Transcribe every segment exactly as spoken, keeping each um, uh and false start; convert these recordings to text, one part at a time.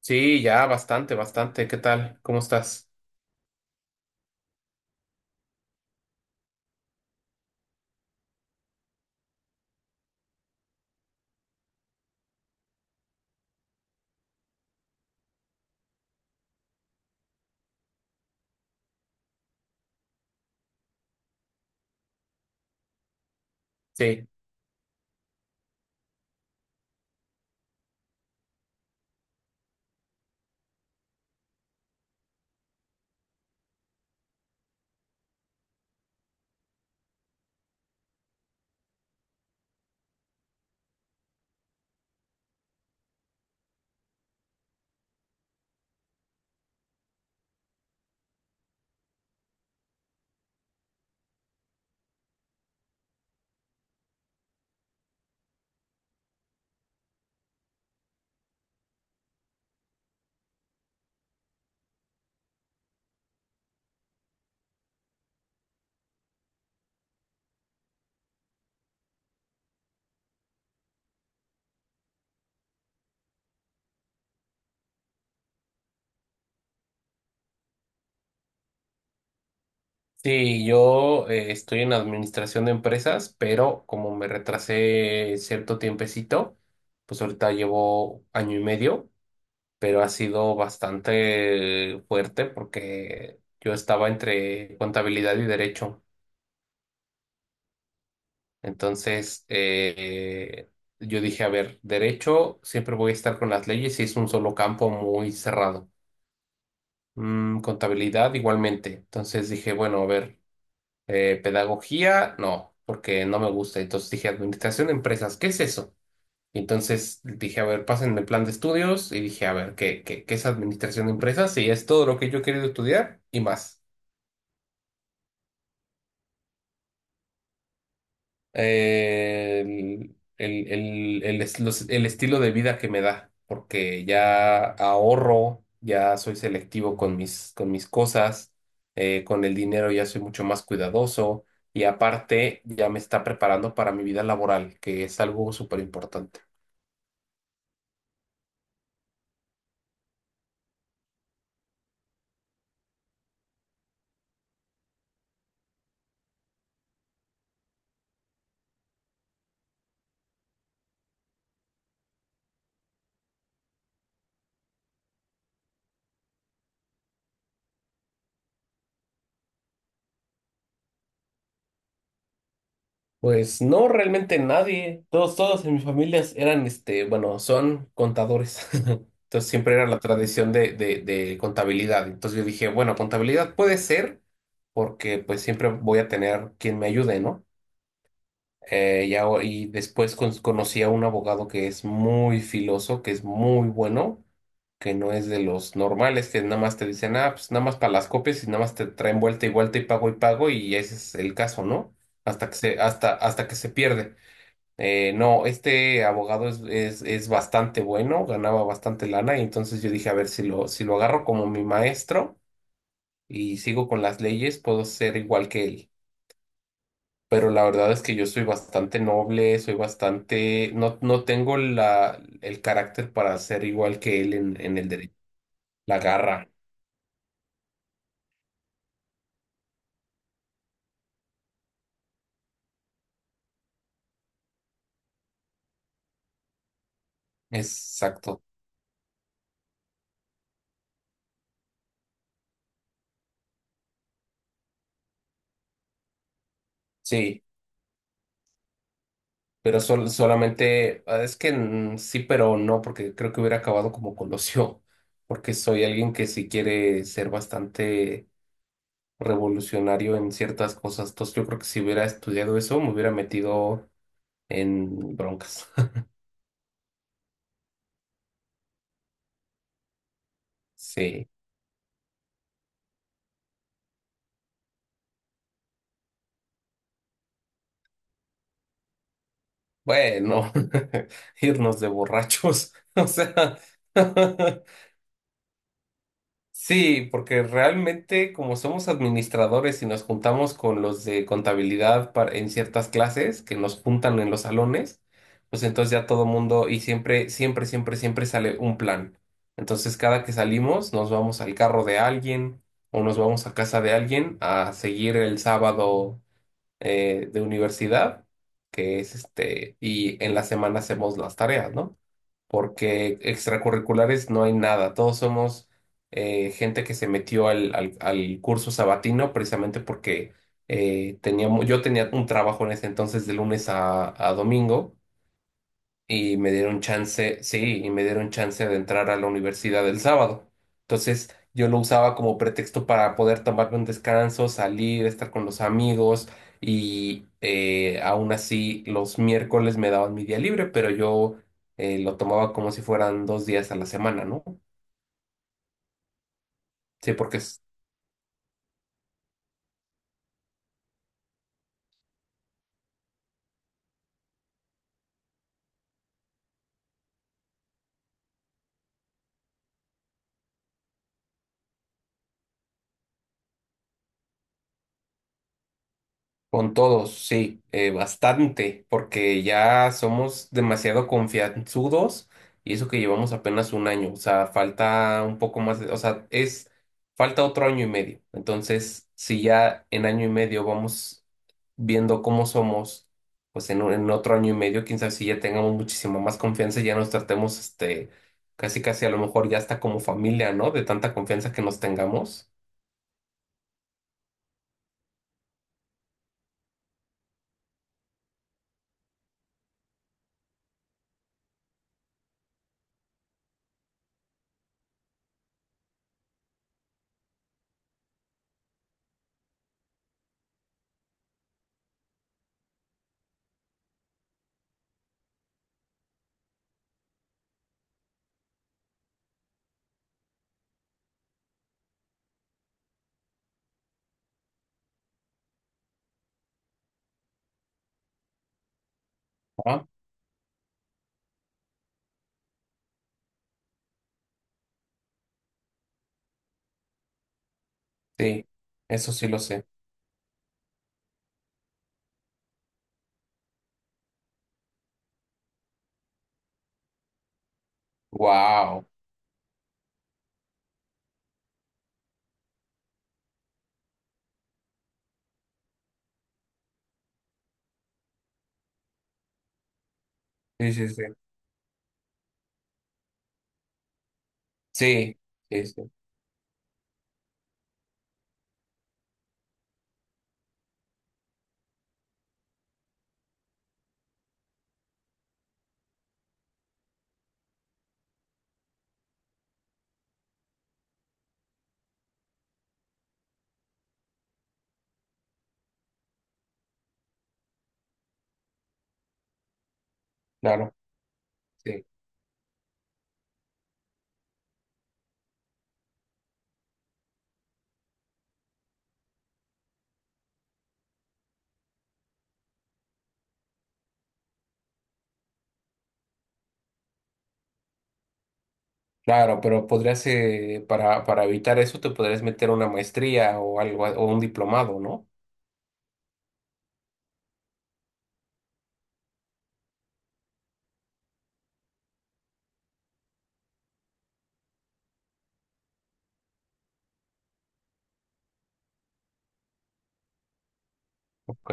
Sí, ya, bastante, bastante. ¿Qué tal? ¿Cómo estás? Sí, sí, yo eh, estoy en administración de empresas, pero como me retrasé cierto tiempecito, pues ahorita llevo año y medio, pero ha sido bastante fuerte porque yo estaba entre contabilidad y derecho. Entonces, eh, yo dije, a ver, derecho, siempre voy a estar con las leyes y es un solo campo muy cerrado. Mm, contabilidad igualmente. Entonces dije, bueno, a ver, eh, pedagogía, no, porque no me gusta. Entonces dije, administración de empresas, ¿qué es eso? Y entonces dije, a ver, pásenme el plan de estudios y dije, a ver, ¿qué, qué, qué es administración de empresas? Y es todo lo que yo he querido estudiar y más. eh, el, el, el, el es- los- el estilo de vida que me da, porque ya ahorro, ya soy selectivo con mis, con mis cosas, eh, con el dinero ya soy mucho más cuidadoso y aparte ya me está preparando para mi vida laboral, que es algo súper importante. Pues no, realmente nadie. Todos, todos en mis familias eran, este, bueno, son contadores. Entonces siempre era la tradición de, de, de contabilidad. Entonces yo dije, bueno, contabilidad puede ser porque pues siempre voy a tener quien me ayude, ¿no? Eh, ya, o- y después con- conocí a un abogado que es muy filoso, que es muy bueno, que no es de los normales, que nada más te dicen, ah, pues nada más para las copias y nada más te traen vuelta y vuelta y pago y pago y ese es el caso, ¿no? Hasta que se, hasta, hasta que se pierde. Eh, no, este abogado es, es, es bastante bueno, ganaba bastante lana y entonces yo dije, a ver, si lo, si lo agarro como mi maestro y sigo con las leyes, puedo ser igual que él. Pero la verdad es que yo soy bastante noble, soy bastante, no, no tengo la, el carácter para ser igual que él en, en el derecho. La garra, exacto. Sí. Pero sol- solamente, ah, es que mm, sí, pero no, porque creo que hubiera acabado como Colosio, porque soy alguien que sí quiere ser bastante revolucionario en ciertas cosas. Entonces yo creo que si hubiera estudiado eso, me hubiera metido en broncas. Sí. Bueno, irnos de borrachos. O sea, sí, porque realmente como somos administradores y nos juntamos con los de contabilidad para- en ciertas clases que nos juntan en los salones, pues entonces ya todo mundo y siempre, siempre, siempre, siempre sale un plan. Entonces cada que salimos nos vamos al carro de alguien o nos vamos a casa de alguien a seguir el sábado eh, de universidad, que es este, y en la semana hacemos las tareas, ¿no? Porque extracurriculares no hay nada, todos somos eh, gente que se metió al, al- al curso sabatino precisamente porque eh, teníamos, yo tenía un trabajo en ese entonces de lunes a, a domingo y me dieron chance, sí, y me dieron chance de entrar a la universidad el sábado. Entonces, yo lo usaba como pretexto para poder tomarme un descanso, salir, estar con los amigos y eh, aún así los miércoles me daban mi día libre, pero yo eh, lo tomaba como si fueran dos días a la semana, ¿no? Sí, porque es- Con todos, sí, eh, bastante, porque ya somos demasiado confianzudos y eso que llevamos apenas un año, o sea, falta un poco más, de- o sea, es, falta otro año y medio. Entonces, si ya en año y medio vamos viendo cómo somos, pues en, un- en otro año y medio, quién sabe si ya tengamos muchísima más confianza y ya nos tratemos, este, casi casi a lo mejor ya hasta como familia, ¿no? De tanta confianza que nos tengamos. Ah, sí, eso sí lo sé. Wow. Sí, sí, sí, claro, sí, claro, pero podrías, eh, para, para evitar eso, te podrías meter una maestría o algo, a- o un diplomado, ¿no? Ok,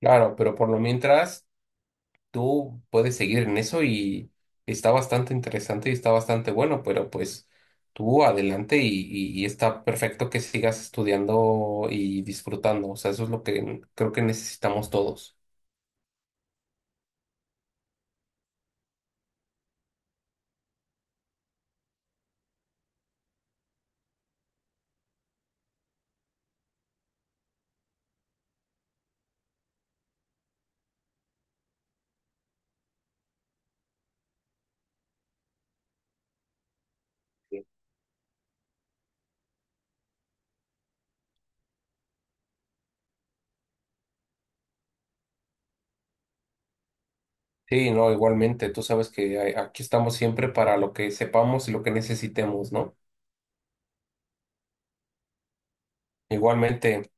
claro, pero por lo mientras, tú puedes seguir en eso y está bastante interesante y está bastante bueno, pero pues tú adelante y, y, y está perfecto que sigas estudiando y disfrutando, o sea, eso es lo que creo que necesitamos todos. Sí, no, igualmente, tú sabes que eh, aquí estamos siempre para lo que sepamos y lo que necesitemos, ¿no? Igualmente.